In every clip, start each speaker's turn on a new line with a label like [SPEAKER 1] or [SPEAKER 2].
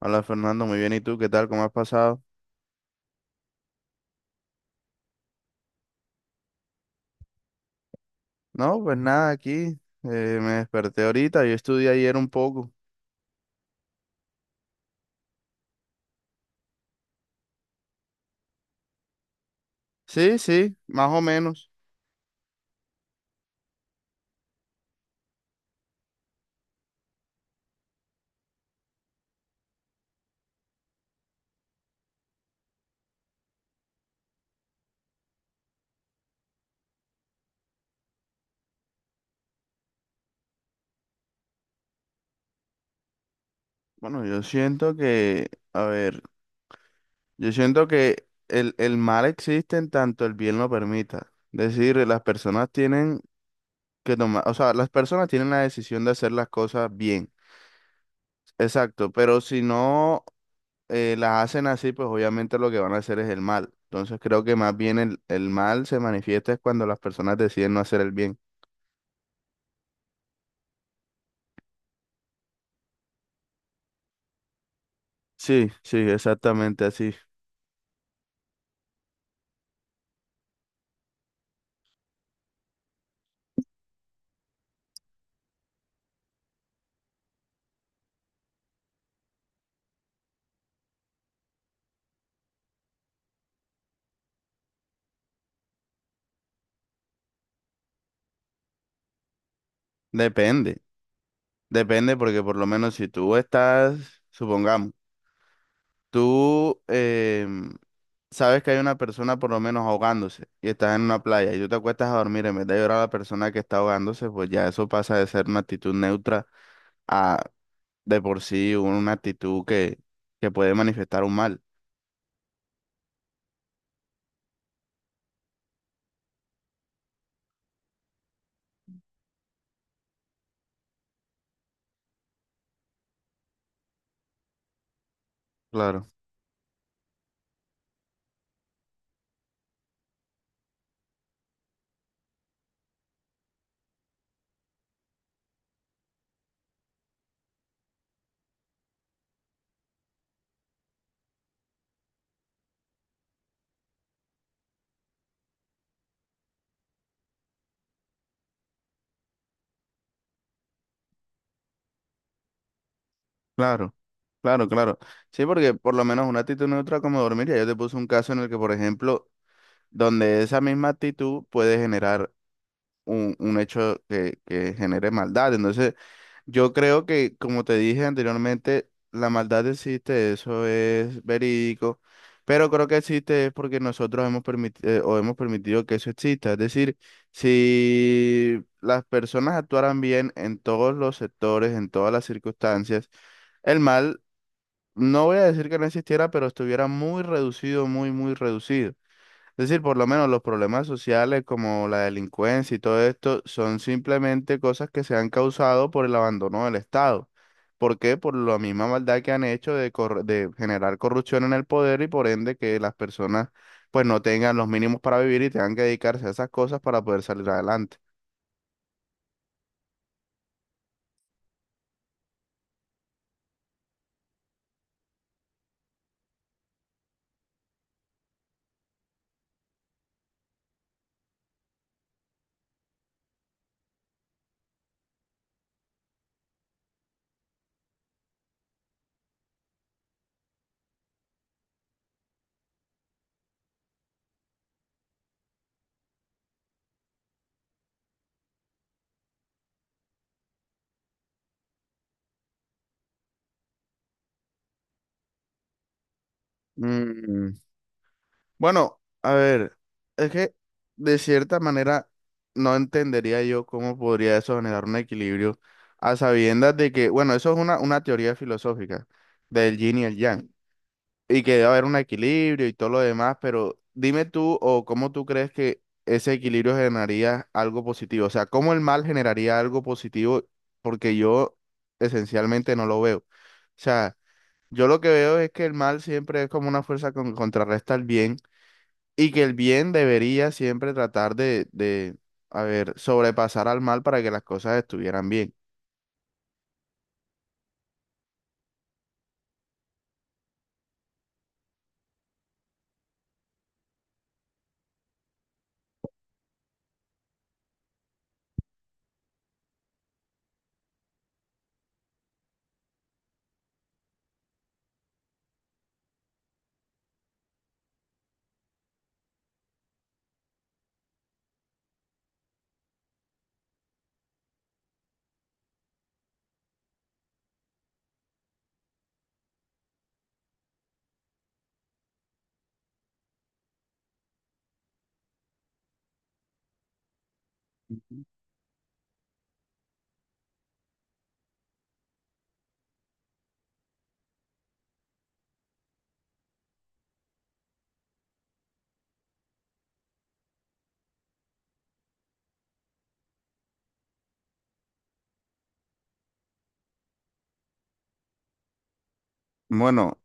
[SPEAKER 1] Hola Fernando, muy bien. ¿Y tú qué tal? ¿Cómo has pasado? No, pues nada, aquí me desperté ahorita. Yo estudié ayer un poco. Sí, sí, más o menos. Bueno, yo siento que, a ver, yo siento que el mal existe en tanto el bien lo permita. Es decir, las personas tienen que tomar, o sea, las personas tienen la decisión de hacer las cosas bien. Exacto, pero si no las hacen así, pues obviamente lo que van a hacer es el mal. Entonces creo que más bien el mal se manifiesta es cuando las personas deciden no hacer el bien. Sí, sí, exactamente así. Depende, depende porque por lo menos si tú estás, supongamos, tú em, sabes que hay una persona por lo menos ahogándose y estás en una playa y tú te acuestas a dormir en vez de llorar a la persona que está ahogándose, pues ya eso pasa de ser una actitud neutra a de por sí una actitud que puede manifestar un mal. Claro. Claro, claro, claro. Sí, porque por lo menos una actitud neutra como dormir, ya yo te puse un caso en el que, por ejemplo, donde esa misma actitud puede generar un hecho que genere maldad. Entonces, yo creo que, como te dije anteriormente, la maldad existe, eso es verídico, pero creo que existe es porque nosotros hemos permitido o hemos permitido que eso exista. Es decir, si las personas actuaran bien en todos los sectores, en todas las circunstancias, el mal no voy a decir que no existiera, pero estuviera muy reducido, muy, muy reducido. Es decir, por lo menos los problemas sociales como la delincuencia y todo esto son simplemente cosas que se han causado por el abandono del Estado. ¿Por qué? Por la misma maldad que han hecho de, de generar corrupción en el poder y por ende que las personas pues no tengan los mínimos para vivir y tengan que dedicarse a esas cosas para poder salir adelante. Mm. Bueno, a ver, es que de cierta manera no entendería yo cómo podría eso generar un equilibrio a sabiendas de que, bueno, eso es una teoría filosófica del yin y el yang, y que debe haber un equilibrio y todo lo demás, pero dime tú o cómo tú crees que ese equilibrio generaría algo positivo, o sea, cómo el mal generaría algo positivo, porque yo esencialmente no lo veo. O sea, yo lo que veo es que el mal siempre es como una fuerza que contrarresta al bien. Y que el bien debería siempre tratar a ver, sobrepasar al mal para que las cosas estuvieran bien. Ujú. Bueno,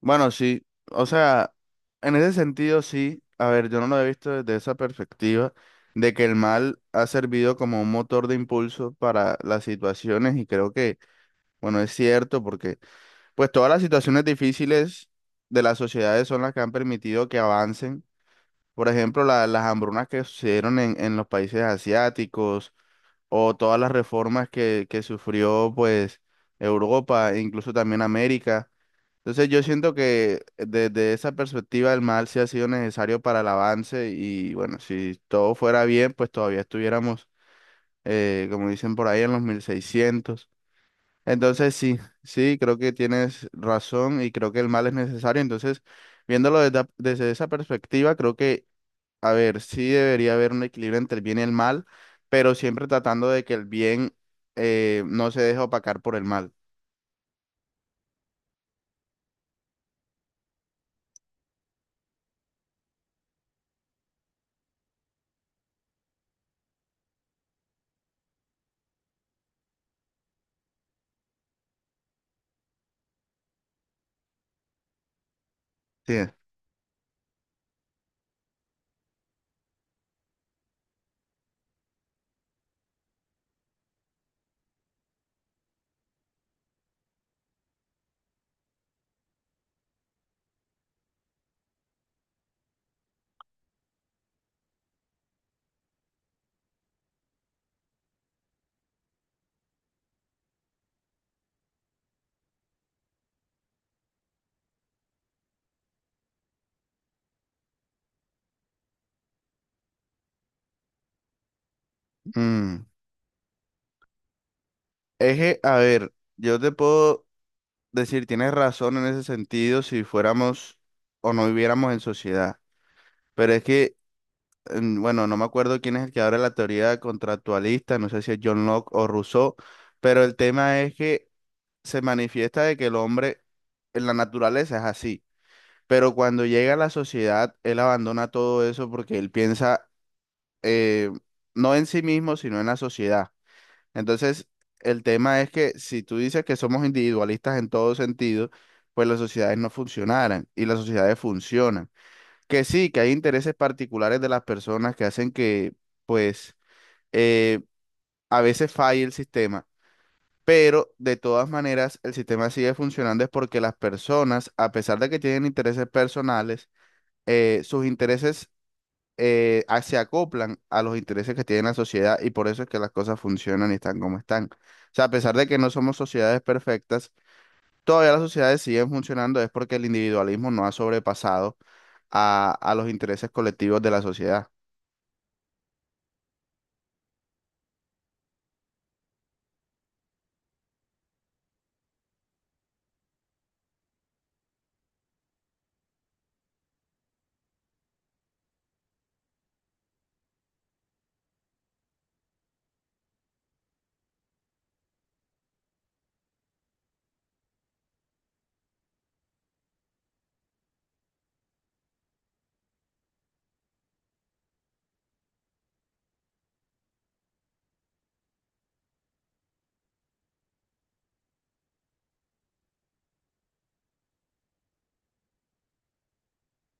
[SPEAKER 1] bueno, sí. O sea, en ese sentido, sí. A ver, yo no lo he visto desde esa perspectiva de que el mal ha servido como un motor de impulso para las situaciones y creo que, bueno, es cierto porque, pues, todas las situaciones difíciles de las sociedades son las que han permitido que avancen. Por ejemplo, las hambrunas que sucedieron en los países asiáticos o todas las reformas que sufrió pues Europa, e incluso también América. Entonces yo siento que desde esa perspectiva el mal sí ha sido necesario para el avance y bueno, si todo fuera bien, pues todavía estuviéramos, como dicen por ahí, en los 1600. Entonces sí, sí, creo que tienes razón y creo que el mal es necesario. Entonces, viéndolo desde esa perspectiva, creo que a ver, sí debería haber un equilibrio entre el bien y el mal, pero siempre tratando de que el bien no se deje opacar por el mal. Sí. Mm. Es que, a ver, yo te puedo decir, tienes razón en ese sentido si fuéramos o no viviéramos en sociedad, pero es que, mm, bueno, no me acuerdo quién es el que abre la teoría contractualista, no sé si es John Locke o Rousseau, pero el tema es que se manifiesta de que el hombre en la naturaleza es así. Pero cuando llega a la sociedad, él abandona todo eso porque él piensa eh, no en sí mismo, sino en la sociedad. Entonces, el tema es que si tú dices que somos individualistas en todo sentido, pues las sociedades no funcionaran y las sociedades funcionan. Que sí, que hay intereses particulares de las personas que hacen que, pues, eh, a veces falle el sistema. Pero de todas maneras, el sistema sigue funcionando es porque las personas, a pesar de que tienen intereses personales, sus intereses se acoplan a los intereses que tiene la sociedad y por eso es que las cosas funcionan y están como están. O sea, a pesar de que no somos sociedades perfectas, todavía las sociedades siguen funcionando, es porque el individualismo no ha sobrepasado a los intereses colectivos de la sociedad.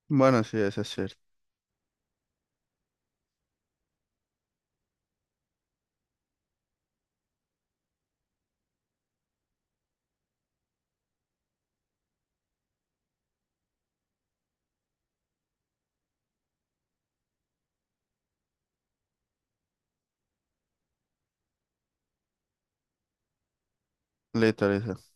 [SPEAKER 1] Bueno, sí, eso es cierto. Listo, listo.